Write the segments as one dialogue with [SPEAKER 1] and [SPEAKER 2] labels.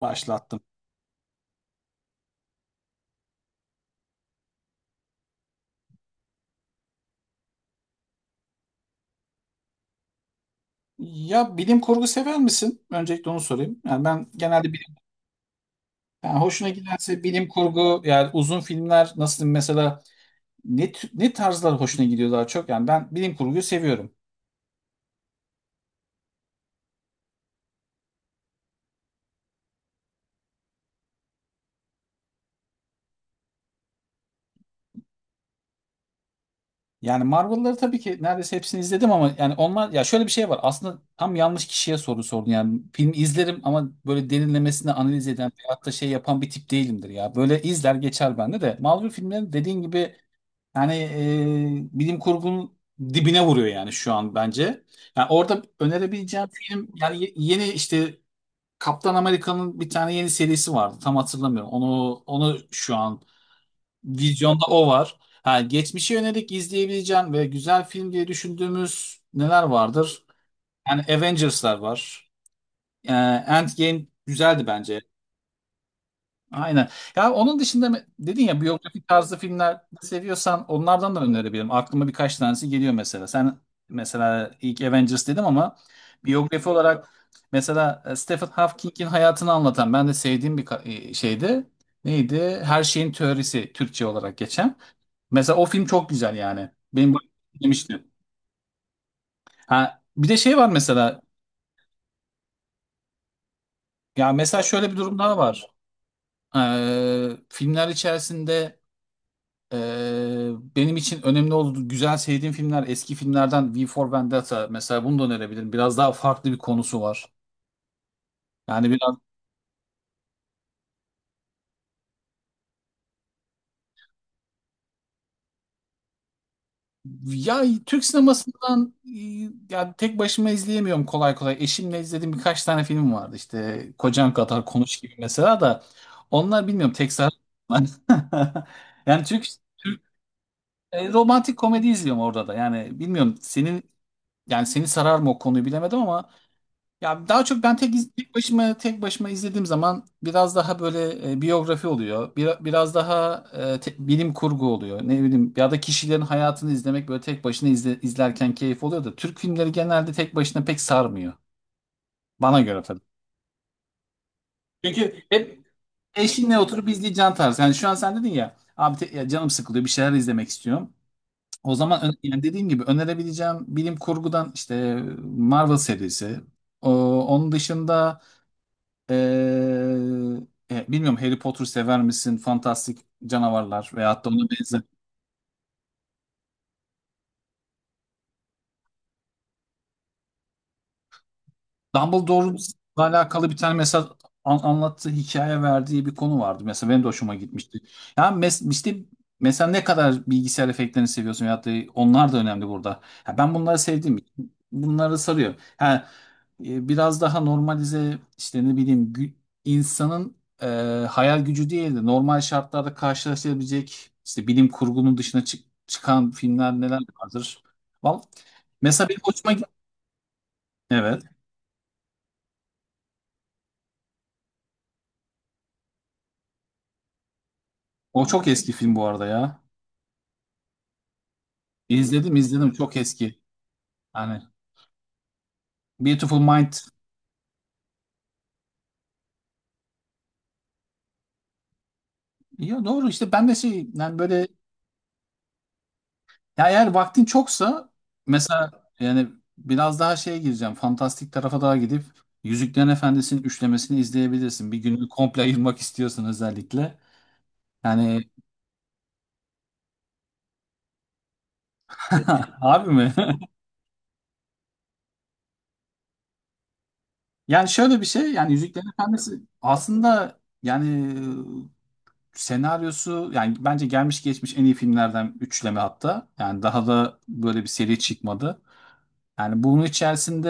[SPEAKER 1] Başlattım. Ya bilim kurgu sever misin? Öncelikle onu sorayım. Yani hoşuna giderse bilim kurgu yani uzun filmler nasıl diyeyim mesela ne tarzlar hoşuna gidiyor daha çok? Yani ben bilim kurguyu seviyorum. Yani Marvel'ları tabii ki neredeyse hepsini izledim ama yani onlar ya şöyle bir şey var. Aslında tam yanlış kişiye soru sordun. Yani film izlerim ama böyle derinlemesine analiz eden veyahut da şey yapan bir tip değilimdir ya. Böyle izler geçer bende de. Marvel filmleri dediğin gibi yani bilim kurgunun dibine vuruyor yani şu an bence. Yani orada önerebileceğim film yani yeni işte Kaptan Amerika'nın bir tane yeni serisi vardı. Tam hatırlamıyorum. Onu şu an vizyonda o var. Ha, geçmişe yönelik izleyebileceğin ve güzel film diye düşündüğümüz neler vardır? Yani Avengers'lar var. E, Endgame güzeldi bence. Aynen. Ya onun dedin ya biyografik tarzı filmler seviyorsan onlardan da önerebilirim. Aklıma birkaç tanesi geliyor mesela. Sen mesela ilk Avengers dedim ama biyografi olarak mesela Stephen Hawking'in hayatını anlatan ben de sevdiğim şeydi. Neydi? Her şeyin teorisi Türkçe olarak geçen. Mesela o film çok güzel yani. Demişti. Ha, bir de şey var mesela. Ya mesela şöyle bir durum daha var. Filmler içerisinde Ee, benim için önemli oldu. Güzel sevdiğim filmler eski filmlerden V for Vendetta mesela bunu da önerebilirim. Biraz daha farklı bir konusu var. Yani biraz ya Türk sinemasından yani tek başıma izleyemiyorum kolay kolay. Eşimle izlediğim birkaç tane film vardı. İşte Kocan Kadar Konuş gibi mesela da onlar bilmiyorum Yani Türk romantik komedi izliyorum orada da. Yani bilmiyorum senin yani seni sarar mı o konuyu bilemedim ama ya daha çok ben tek başıma izlediğim zaman biraz daha böyle biyografi oluyor. Biraz daha bilim kurgu oluyor. Ne bileyim ya da kişilerin hayatını izlemek böyle tek başına izlerken keyif oluyor da Türk filmleri genelde tek başına pek sarmıyor. Bana göre tabii. Çünkü hep eşinle oturup izleyeceğin tarz. Yani şu an sen dedin ya abi ya canım sıkılıyor bir şeyler izlemek istiyorum. O zaman yani dediğim gibi önerebileceğim bilim kurgudan işte Marvel serisi. Onun dışında Ee, bilmiyorum Harry Potter sever misin? Fantastik canavarlar veyahut da ona benzer. Dumbledore'un alakalı bir tane mesela anlattığı hikaye verdiği bir konu vardı. Mesela benim de hoşuma gitmişti. Yani mesela ne kadar bilgisayar efektlerini seviyorsun ya da onlar da önemli burada. Ya ben bunları sevdim. Bunları sarıyor. Ha, biraz daha normalize işte ne bileyim insanın e, hayal gücü değil de normal şartlarda karşılaşabilecek işte bilim kurgunun dışına çıkan filmler neler vardır. Vallahi, mesela Evet. O çok eski film bu arada ya. İzledim çok eski. Hani Beautiful Mind. Ya doğru işte ben de şey yani böyle ya eğer vaktin çoksa mesela yani biraz daha şeye gireceğim. Fantastik tarafa daha gidip Yüzüklerin Efendisi'nin üçlemesini izleyebilirsin. Bir günü komple ayırmak istiyorsun özellikle. Yani harbi mi? Yani şöyle bir şey yani Yüzüklerin Efendisi aslında yani senaryosu yani bence gelmiş geçmiş en iyi filmlerden üçleme hatta. Yani daha da böyle bir seri çıkmadı. Yani bunun içerisinde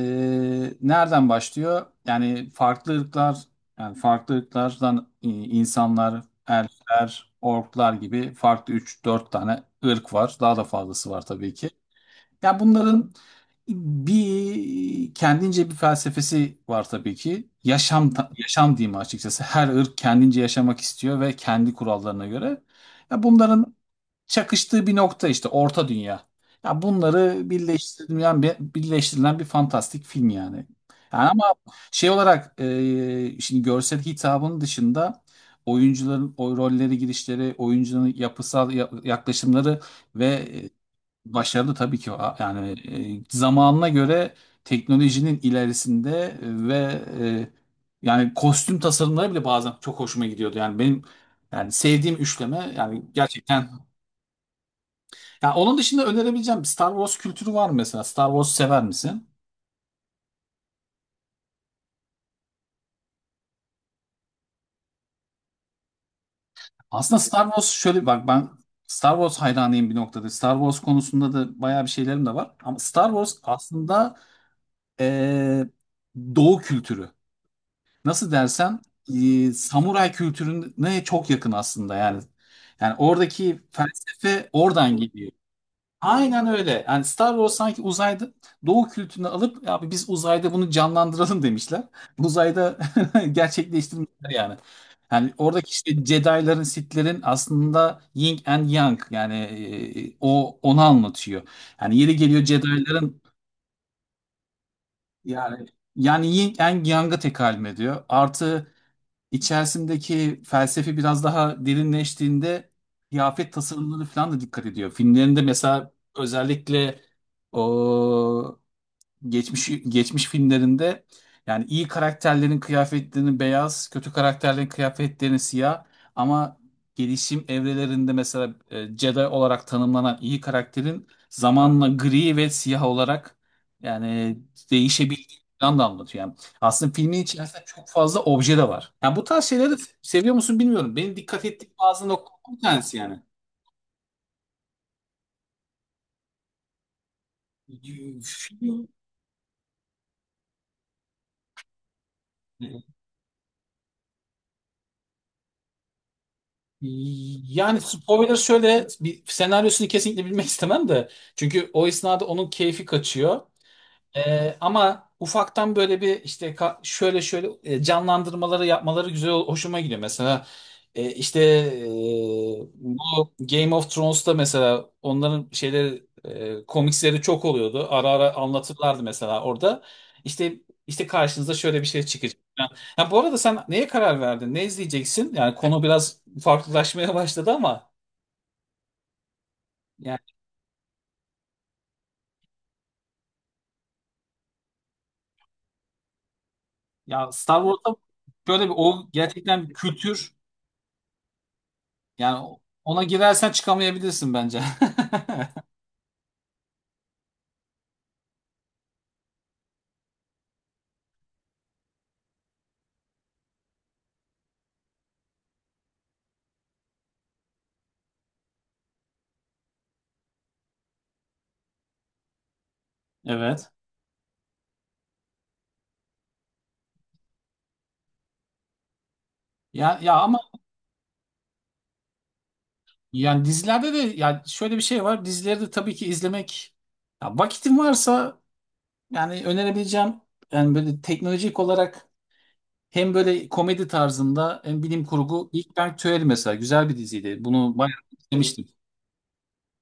[SPEAKER 1] nereden başlıyor? Yani farklı ırklar, yani farklı ırklardan insanlar, elfler, orklar gibi farklı üç dört tane ırk var. Daha da fazlası var tabii ki. Ya bunların bir kendince bir felsefesi var tabii ki. Yaşam diyeyim açıkçası. Her ırk kendince yaşamak istiyor ve kendi kurallarına göre. Ya bunların çakıştığı bir nokta işte Orta Dünya. Ya bunları birleştirilen bir fantastik film yani. Yani ama şey olarak şimdi görsel hitabın dışında oyuncuların o rolleri girişleri, oyuncunun yaklaşımları ve başarılı tabii ki o. Yani zamanına göre teknolojinin ilerisinde e, ve e, yani kostüm tasarımları bile bazen çok hoşuma gidiyordu. Yani benim yani sevdiğim üçleme yani gerçekten yani onun dışında önerebileceğim Star Wars kültürü var mı mesela? Star Wars sever misin? Aslında Star Wars şöyle bak ben Star Wars hayranıyım bir noktada. Star Wars konusunda da bayağı bir şeylerim de var. Ama Star Wars aslında e, Doğu kültürü. Nasıl dersen samuray kültürüne çok yakın aslında yani. Yani oradaki felsefe oradan geliyor. Aynen öyle. Yani Star Wars sanki uzayda Doğu kültürünü alıp abi biz uzayda bunu canlandıralım demişler. Uzayda gerçekleştirmişler yani. Yani oradaki işte Jedi'ların, Sith'lerin aslında Yin and Yang yani o onu anlatıyor. Yani yeri geliyor Jedi'ların yani yani Yin and Yang'a tekalüm ediyor. Artı İçerisindeki felsefi biraz daha derinleştiğinde kıyafet tasarımları falan da dikkat ediyor. Filmlerinde mesela özellikle o geçmiş filmlerinde yani iyi karakterlerin kıyafetlerinin beyaz, kötü karakterlerin kıyafetlerinin siyah ama gelişim evrelerinde mesela Jedi olarak tanımlanan iyi karakterin zamanla gri ve siyah olarak yani değişebildiğini falan da anlatıyor. Yani aslında filmin içerisinde çok fazla obje de var. Yani bu tarz şeyleri seviyor musun bilmiyorum. Benim dikkat ettiğim bazı noktalar bir tanesi yani. Film- Yani spoiler şöyle bir senaryosunu kesinlikle bilmek istemem de. Çünkü o esnada onun keyfi kaçıyor. Ama ufaktan böyle bir işte şöyle şöyle canlandırmaları yapmaları güzel hoşuma gidiyor. Mesela e, işte e, bu Game of Thrones'ta mesela onların şeyleri komiksleri çok oluyordu. Ara ara anlatırlardı mesela orada. İşte işte karşınıza şöyle bir şey çıkacak. Yani ha, bu arada sen neye karar verdin? Ne izleyeceksin? Yani konu biraz farklılaşmaya başladı ama yani ya Star Wars'ta böyle bir o gerçekten bir kültür yani ona girersen çıkamayabilirsin bence. Evet. Ya ya ama yani dizilerde de ya şöyle bir şey var. Dizileri de tabii ki izlemek ya vakitin varsa yani önerebileceğim yani böyle teknolojik olarak hem böyle komedi tarzında hem bilim kurgu Big Bang Theory mesela güzel bir diziydi. Bunu bayağı izlemiştim.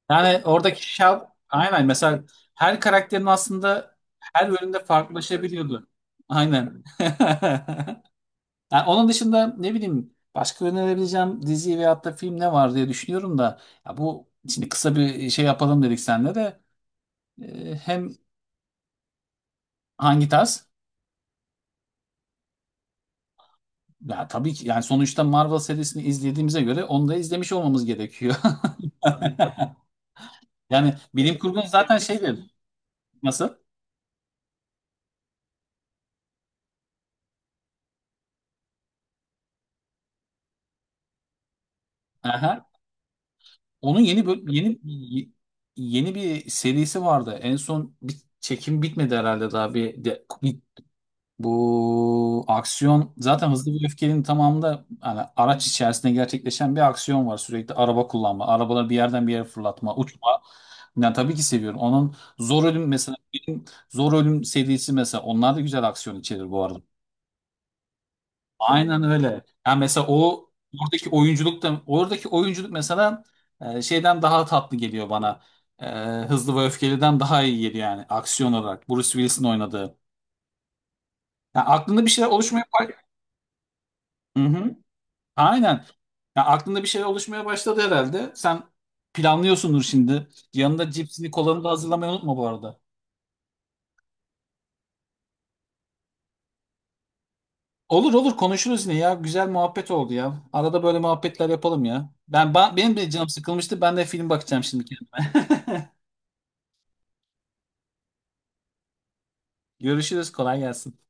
[SPEAKER 1] Yani oradaki şal aynen mesela her karakterin aslında her bölümde farklılaşabiliyordu. Aynen. Yani onun dışında ne bileyim başka önerebileceğim dizi veyahut da film ne var diye düşünüyorum da ya bu şimdi kısa bir şey yapalım dedik senle de e, hem hangi tarz? Ya tabii ki yani sonuçta Marvel serisini izlediğimize göre onu da izlemiş olmamız gerekiyor. Yani bilim kurgu zaten şeydir. Nasıl? Aha. Onun yeni böl- yeni yeni bir serisi vardı. En son bir çekim bitmedi herhalde daha bir de, bu aksiyon zaten Hızlı ve Öfkeli'nin tamamında hani araç içerisinde gerçekleşen bir aksiyon var. Sürekli araba kullanma, arabaları bir yerden bir yere fırlatma, uçma. Yani tabii ki seviyorum. Onun Zor Ölüm mesela benim Zor Ölüm serisi mesela onlar da güzel aksiyon içerir bu arada. Aynen öyle. Yani mesela o oradaki oyunculuk mesela şeyden daha tatlı geliyor bana. E, Hızlı ve Öfkeli'den daha iyi geliyor yani aksiyon olarak. Bruce Willis'in oynadığı. Yani aklında bir şeyler oluşmaya hı aynen. Ya aklında bir şey oluşmaya başladı herhalde. Sen planlıyorsundur şimdi. Yanında cipsini kolanı da hazırlamayı unutma bu arada. Olur olur konuşuruz yine ya. Güzel muhabbet oldu ya. Arada böyle muhabbetler yapalım ya. Ben, benim de canım sıkılmıştı. Ben de film bakacağım şimdi kendime. Görüşürüz. Kolay gelsin.